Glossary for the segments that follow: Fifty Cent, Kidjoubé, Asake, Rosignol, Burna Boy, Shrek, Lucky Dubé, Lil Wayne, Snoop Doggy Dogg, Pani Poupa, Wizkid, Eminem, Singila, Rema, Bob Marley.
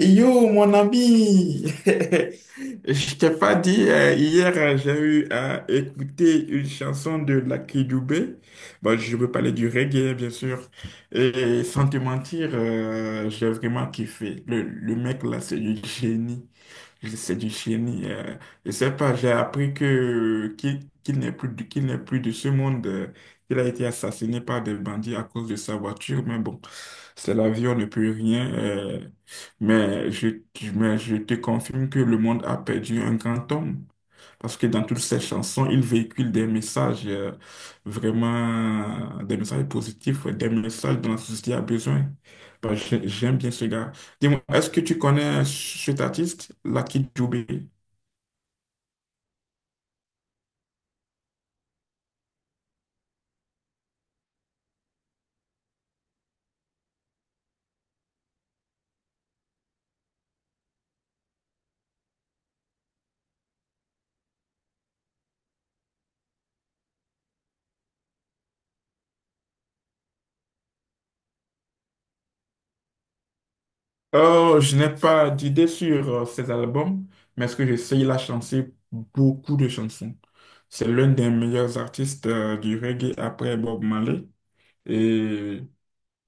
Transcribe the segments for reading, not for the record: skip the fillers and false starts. Yo, mon ami, je t'ai pas dit, hier j'ai eu à écouter une chanson de Lucky Dubé. Bon, je veux parler du reggae, bien sûr. Et sans te mentir, j'ai vraiment kiffé. Le mec là, c'est du génie. C'est du génie. Je sais pas, j'ai appris que qu'il qu'il n'est plus, qu'il n'est plus de ce monde, qu'il a été assassiné par des bandits à cause de sa voiture, mais bon, c'est la vie, on ne peut rien. Mais je, mais je te confirme que le monde a perdu un grand homme. Parce que dans toutes ces chansons, il véhicule des messages vraiment, des messages positifs, ouais, des messages dont la société a besoin. Bah, j'aime bien ce gars. Dis-moi, est-ce que tu connais cet artiste, Lucky Dubé? Oh, je n'ai pas d'idée sur ses albums, mais ce que je sais, il a chanté beaucoup de chansons. C'est l'un des meilleurs artistes du reggae après Bob Marley. Et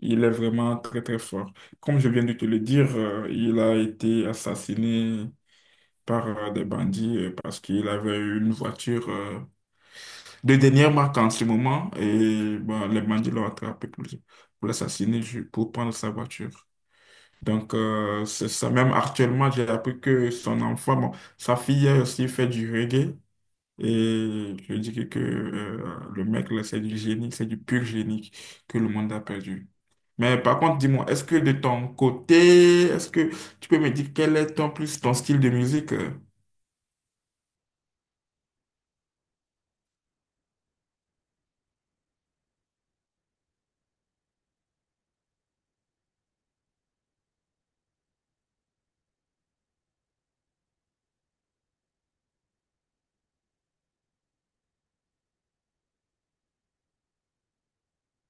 il est vraiment très très fort. Comme je viens de te le dire, il a été assassiné par des bandits parce qu'il avait une voiture de dernière marque en ce moment et bon, les bandits l'ont attrapé pour l'assassiner, pour prendre sa voiture. C'est ça. Même actuellement, j'ai appris que son enfant, bon, sa fille a aussi fait du reggae et je dis que le mec, là, c'est du génie, c'est du pur génie que le monde a perdu. Mais par contre, dis-moi, est-ce que de ton côté, est-ce que tu peux me dire quel est ton plus ton style de musique? Euh,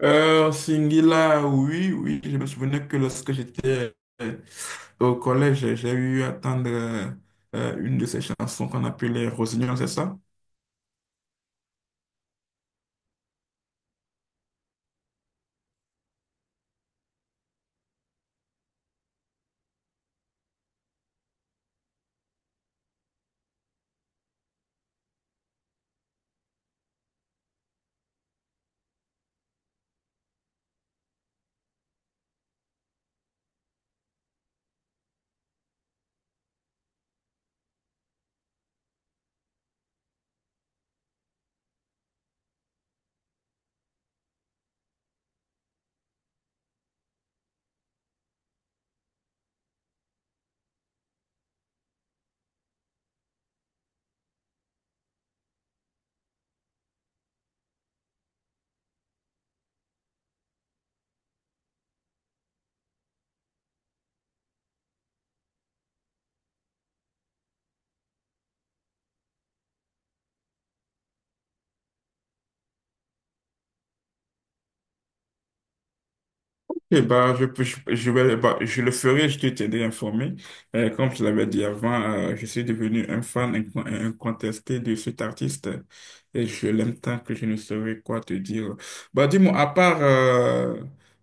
Euh, Singila, oui, oui, je me souvenais que lorsque j'étais euh, au collège, j'ai eu à attendre une de ces chansons qu'on appelait Rosignol, c'est ça? Eh ben, je vais, bah, je le ferai, je te tiendrai informé. Comme je l'avais dit avant, je suis devenu un fan incontesté de cet artiste et je l'aime tant que je ne saurais quoi te dire. Bah, dis-moi, à part euh,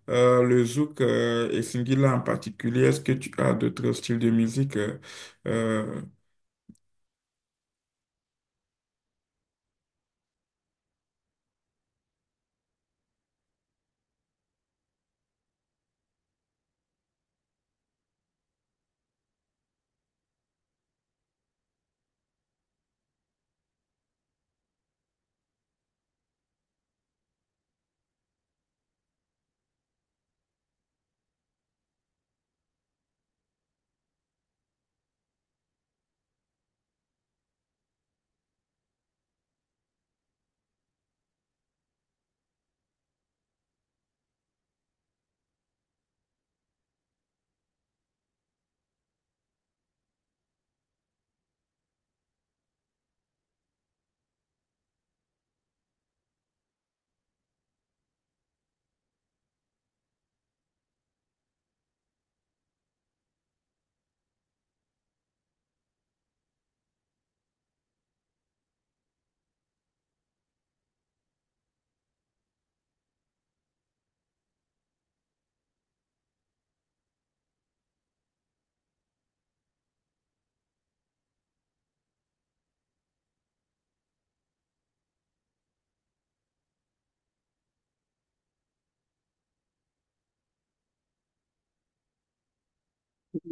euh, le zouk et Singila en particulier, est-ce que tu as d'autres styles de musique? Euh,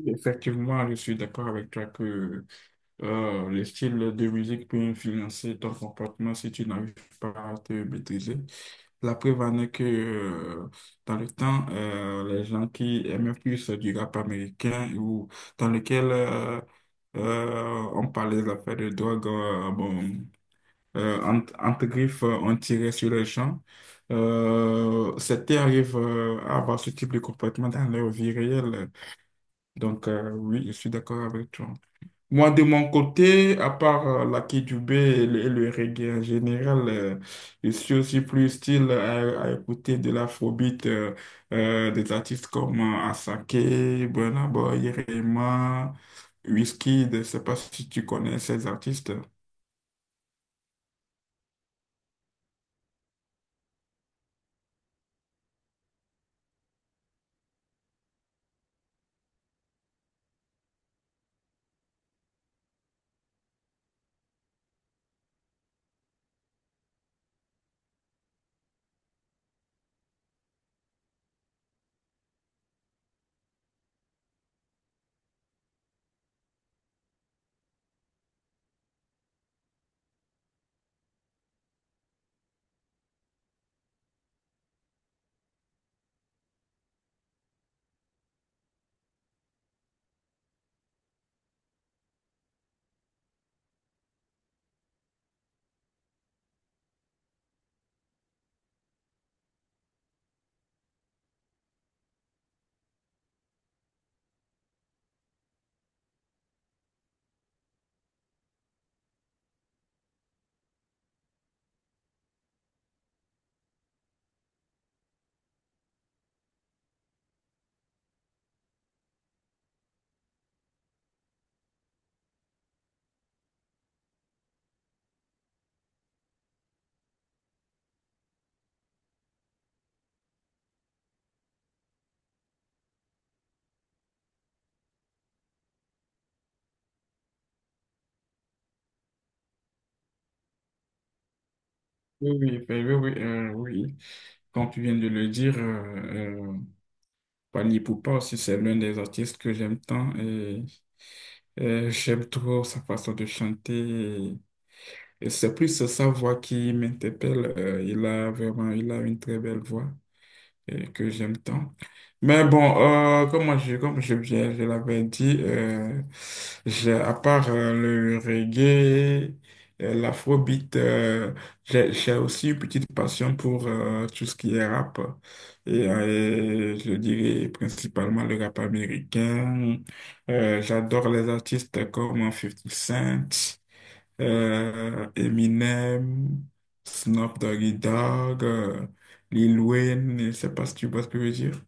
effectivement, je suis d'accord avec toi que les styles de musique peuvent influencer ton comportement si tu n'arrives pas à te maîtriser. La preuve en est que dans le temps, les gens qui aimaient plus du rap américain ou dans lequel on parlait des affaires de drogue, bon, entre griffes, on tirait sur les gens. C'était arrive à avoir ce type de comportement dans leur vie réelle. Oui, je suis d'accord avec toi. Moi, de mon côté, à part la Kidjoubé et le reggae en général, je suis aussi plus style à écouter de l'afrobeat, des artistes comme Asake, Burna Boy, Rema, Wizkid. Je ne sais pas si tu connais ces artistes. Oui, oui, ben oui, oui, oui. Comme tu viens de le dire, Pani Poupa aussi, c'est l'un des artistes que j'aime tant et j'aime trop sa façon de chanter. Et c'est plus sa voix qui m'interpelle. Il a vraiment, il a une très belle voix et que j'aime tant. Mais bon, comme je l'avais dit, j'ai, à part le reggae, l'afrobeat, j'ai aussi une petite passion pour tout ce qui est rap. Et je dirais principalement le rap américain. J'adore les artistes comme Fifty Cent Eminem, Snoop Doggy Dogg, Lil Wayne, je sais pas si tu vois ce que je veux dire.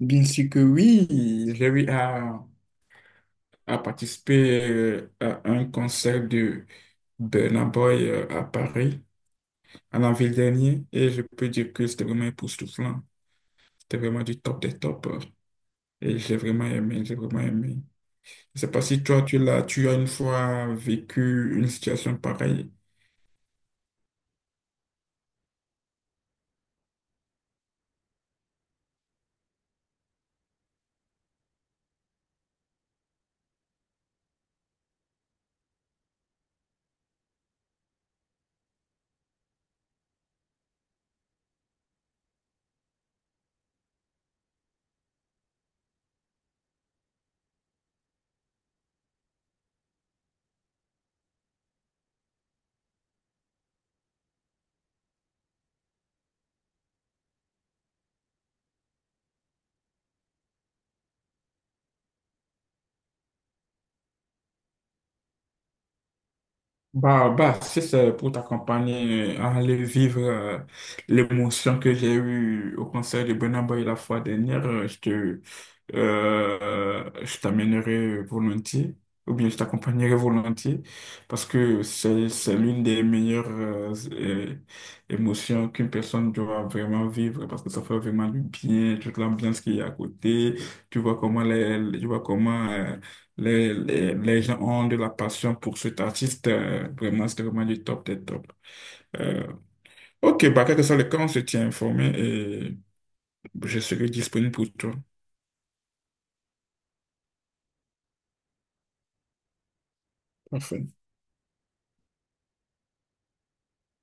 Bien sûr que oui, j'ai eu à participer à un concert de Burna Boy à Paris en avril dernier et je peux dire que c'était vraiment époustouflant. C'était vraiment du top des tops et j'ai vraiment aimé, j'ai vraiment aimé. Je sais pas si toi, tu l'as, tu as une fois vécu une situation pareille. Bah, bah, si c'est pour t'accompagner à aller vivre l'émotion que j'ai eue au concert de Burna Boy la fois dernière, je t'amènerai volontiers, ou bien je t'accompagnerai volontiers, parce que c'est l'une des meilleures émotions qu'une personne doit vraiment vivre, parce que ça fait vraiment du bien, toute l'ambiance qu'il y a à côté, tu vois comment les, tu vois comment, les, les gens ont de la passion pour cet artiste, vraiment, c'est vraiment du top des top. Euh, ok, bah, quel que soit le cas, on se tient informé et je serai disponible pour toi. Parfait.